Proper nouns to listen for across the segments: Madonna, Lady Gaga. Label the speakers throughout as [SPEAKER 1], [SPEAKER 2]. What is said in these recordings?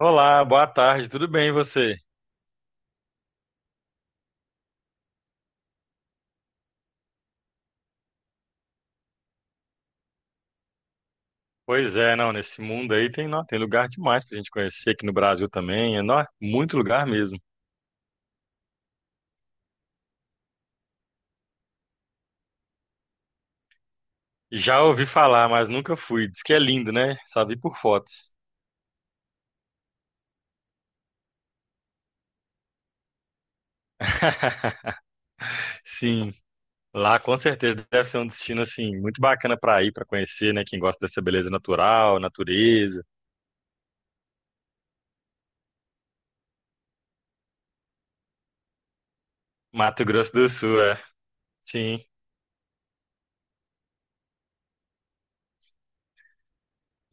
[SPEAKER 1] Olá, boa tarde, tudo bem e você? Pois é, não, nesse mundo aí tem, nó, tem lugar demais pra gente conhecer aqui no Brasil também, é, nó, muito lugar mesmo. Já ouvi falar, mas nunca fui. Diz que é lindo, né? Só vi por fotos. Sim, lá com certeza deve ser um destino assim muito bacana pra ir, pra conhecer, né, quem gosta dessa beleza natural, natureza. Mato Grosso do Sul, é. Sim.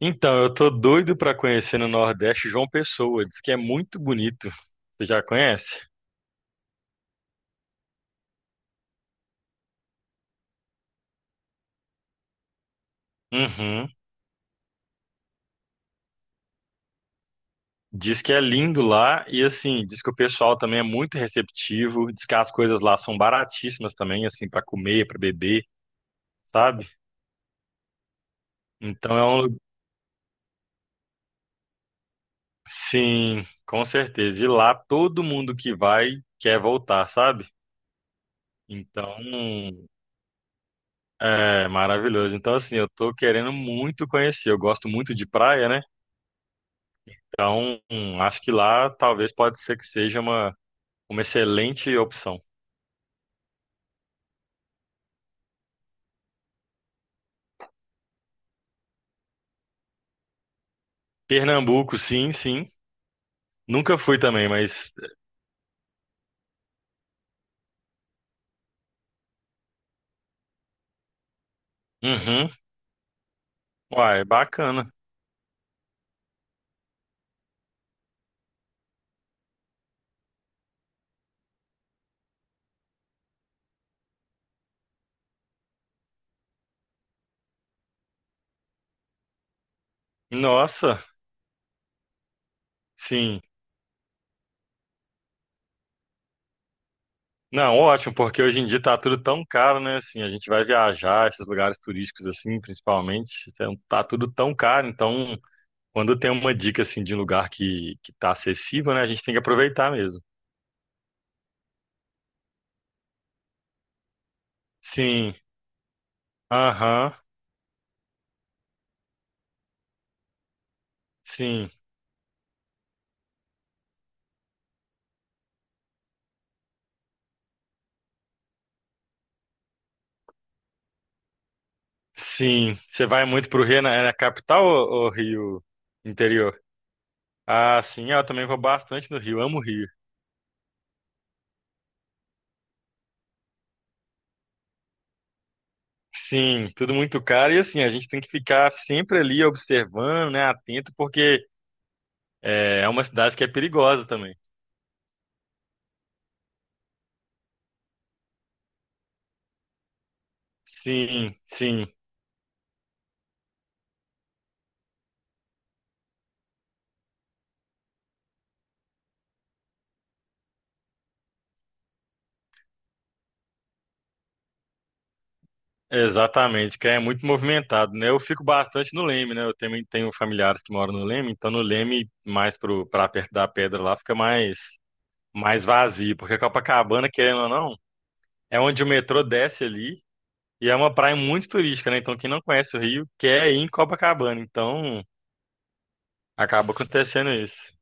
[SPEAKER 1] Então, eu tô doido pra conhecer no Nordeste João Pessoa, diz que é muito bonito. Você já conhece? Uhum. Diz que é lindo lá e assim, diz que o pessoal também é muito receptivo, diz que as coisas lá são baratíssimas também, assim, para comer, para beber, sabe? Então é um, sim, com certeza. E lá todo mundo que vai quer voltar, sabe? Então, é maravilhoso. Então, assim, eu tô querendo muito conhecer. Eu gosto muito de praia, né? Então, acho que lá talvez pode ser que seja uma excelente opção. Pernambuco, sim, sim. Nunca fui também, mas uhum. Uai, bacana. Nossa, sim. Não, ótimo, porque hoje em dia tá tudo tão caro, né? Assim, a gente vai viajar, esses lugares turísticos, assim, principalmente, então, tá tudo tão caro. Então, quando tem uma dica, assim, de um lugar que tá acessível, né? A gente tem que aproveitar mesmo. Sim, aham, sim, sim. Você vai muito pro Rio, é na capital ou Rio interior? Ah, sim, ah, eu também vou bastante no Rio, amo o Rio. Sim, tudo muito caro. E assim, a gente tem que ficar sempre ali observando, né, atento, porque é uma cidade que é perigosa também. Sim, sim, exatamente, que é muito movimentado, né? Eu fico bastante no Leme, né? Eu também tenho familiares que moram no Leme, então no Leme, mais pra perto da pedra lá, fica mais, mais vazio, porque Copacabana, querendo ou não, é onde o metrô desce ali e é uma praia muito turística, né? Então quem não conhece o Rio quer ir em Copacabana, então acaba acontecendo isso.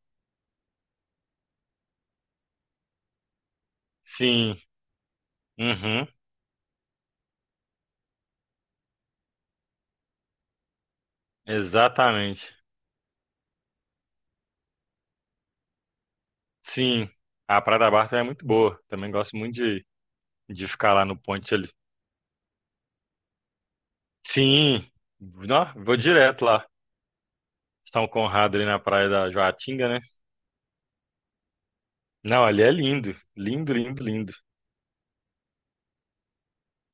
[SPEAKER 1] Sim. Uhum, exatamente. Sim, a Praia da Barra também é muito boa. Também gosto muito de ficar lá no ponte ali. Sim, nó, vou direto lá. São Conrado ali na Praia da Joatinga, né? Não, ali é lindo. Lindo, lindo, lindo.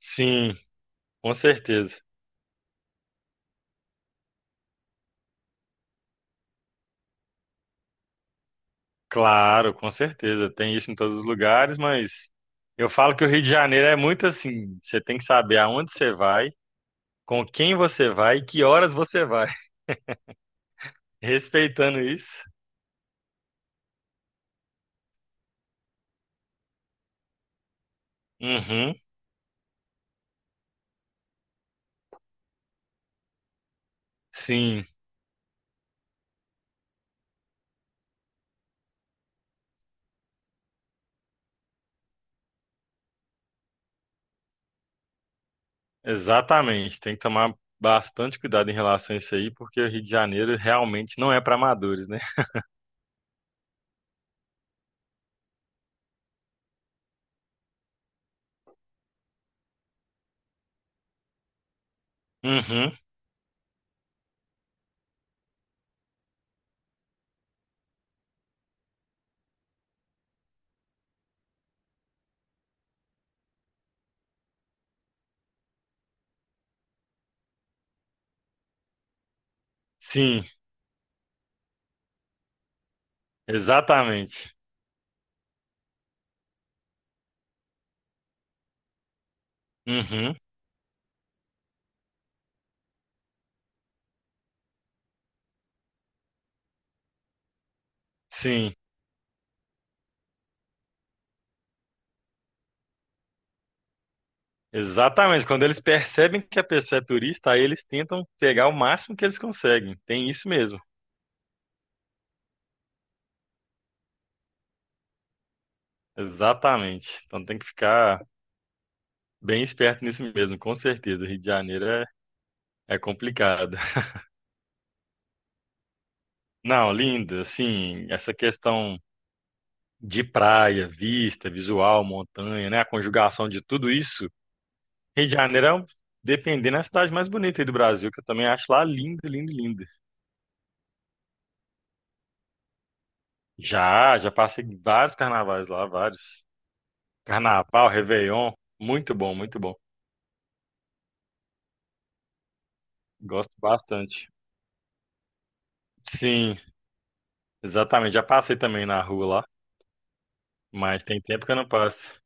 [SPEAKER 1] Sim, com certeza. Claro, com certeza. Tem isso em todos os lugares, mas eu falo que o Rio de Janeiro é muito assim. Você tem que saber aonde você vai, com quem você vai e que horas você vai. Respeitando isso. Uhum. Sim, exatamente, tem que tomar bastante cuidado em relação a isso aí, porque o Rio de Janeiro realmente não é para amadores, né? Uhum, sim, exatamente. Uhum, sim, exatamente. Quando eles percebem que a pessoa é turista, aí eles tentam pegar o máximo que eles conseguem. Tem isso mesmo, exatamente. Então tem que ficar bem esperto nisso mesmo, com certeza. O Rio de Janeiro é complicado. Não, lindo, assim, essa questão de praia, vista, visual, montanha, né? A conjugação de tudo isso. Rio de Janeiro é, um- Dependendo, é a cidade mais bonita aí do Brasil, que eu também acho lá linda, linda, linda. Já, já passei vários carnavais lá, vários. Carnaval, Réveillon, muito bom, muito bom. Gosto bastante. Sim, exatamente. Já passei também na rua lá, mas tem tempo que eu não passo.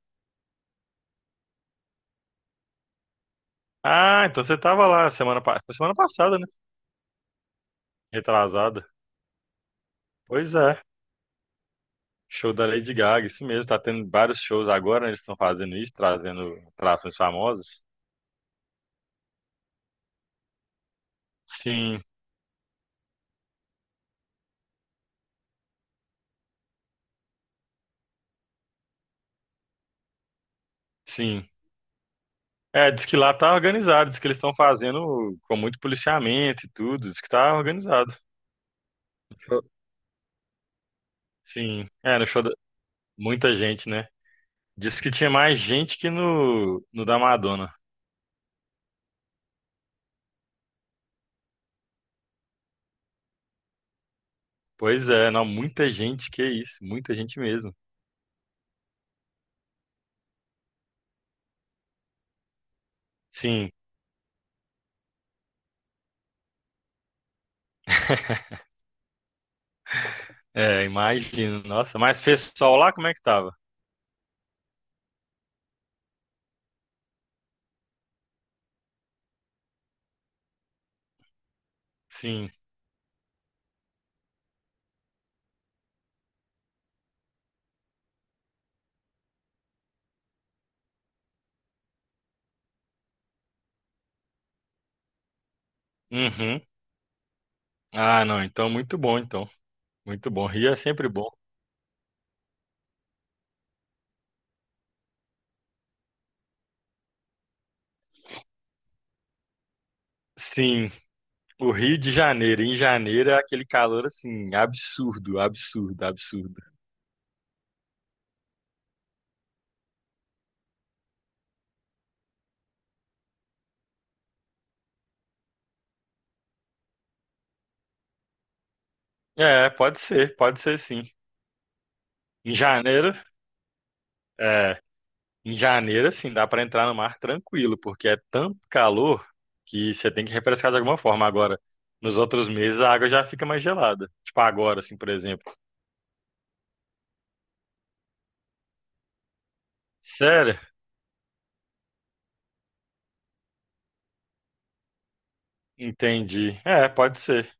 [SPEAKER 1] Ah, então você tava lá semana passada, né? Retrasada. Pois é. Show da Lady Gaga, isso mesmo, tá tendo vários shows agora, né, eles estão fazendo isso, trazendo atrações famosas. Sim, sim. É, diz que lá tá organizado, diz que eles estão fazendo com muito policiamento e tudo, diz que tá organizado. Show- Sim, é, no show da... muita gente, né? Diz que tinha mais gente que no da Madonna. Pois é, não, muita gente, que isso, muita gente mesmo. Sim, é, imagino, nossa, mas fez sol lá, como é que tava? Sim, uhum. Ah, não, então muito bom, então. Muito bom. Rio é sempre bom. Sim, o Rio de Janeiro. Em janeiro é aquele calor assim, absurdo, absurdo, absurdo. É, pode ser sim. Em janeiro, é, em janeiro assim, dá pra entrar no mar tranquilo, porque é tanto calor que você tem que refrescar de alguma forma. Agora, nos outros meses a água já fica mais gelada. Tipo agora, assim, por exemplo. Sério? Entendi. É, pode ser.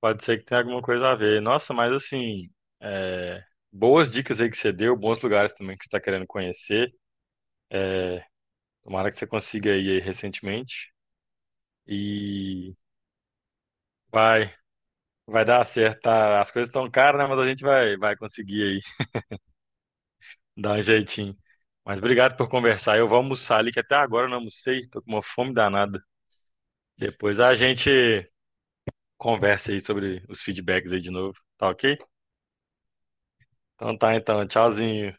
[SPEAKER 1] Pode ser que tenha alguma coisa a ver. Nossa, mas assim, é, boas dicas aí que você deu, bons lugares também que você está querendo conhecer. É, tomara que você consiga ir aí recentemente. E vai, vai dar certo. Tá? As coisas estão caras, né? Mas a gente vai conseguir aí dar um jeitinho. Mas obrigado por conversar. Eu vou almoçar ali, que até agora eu não almocei, tô com uma fome danada. Depois a gente conversa aí sobre os feedbacks aí de novo, tá ok? Então tá, então, tchauzinho.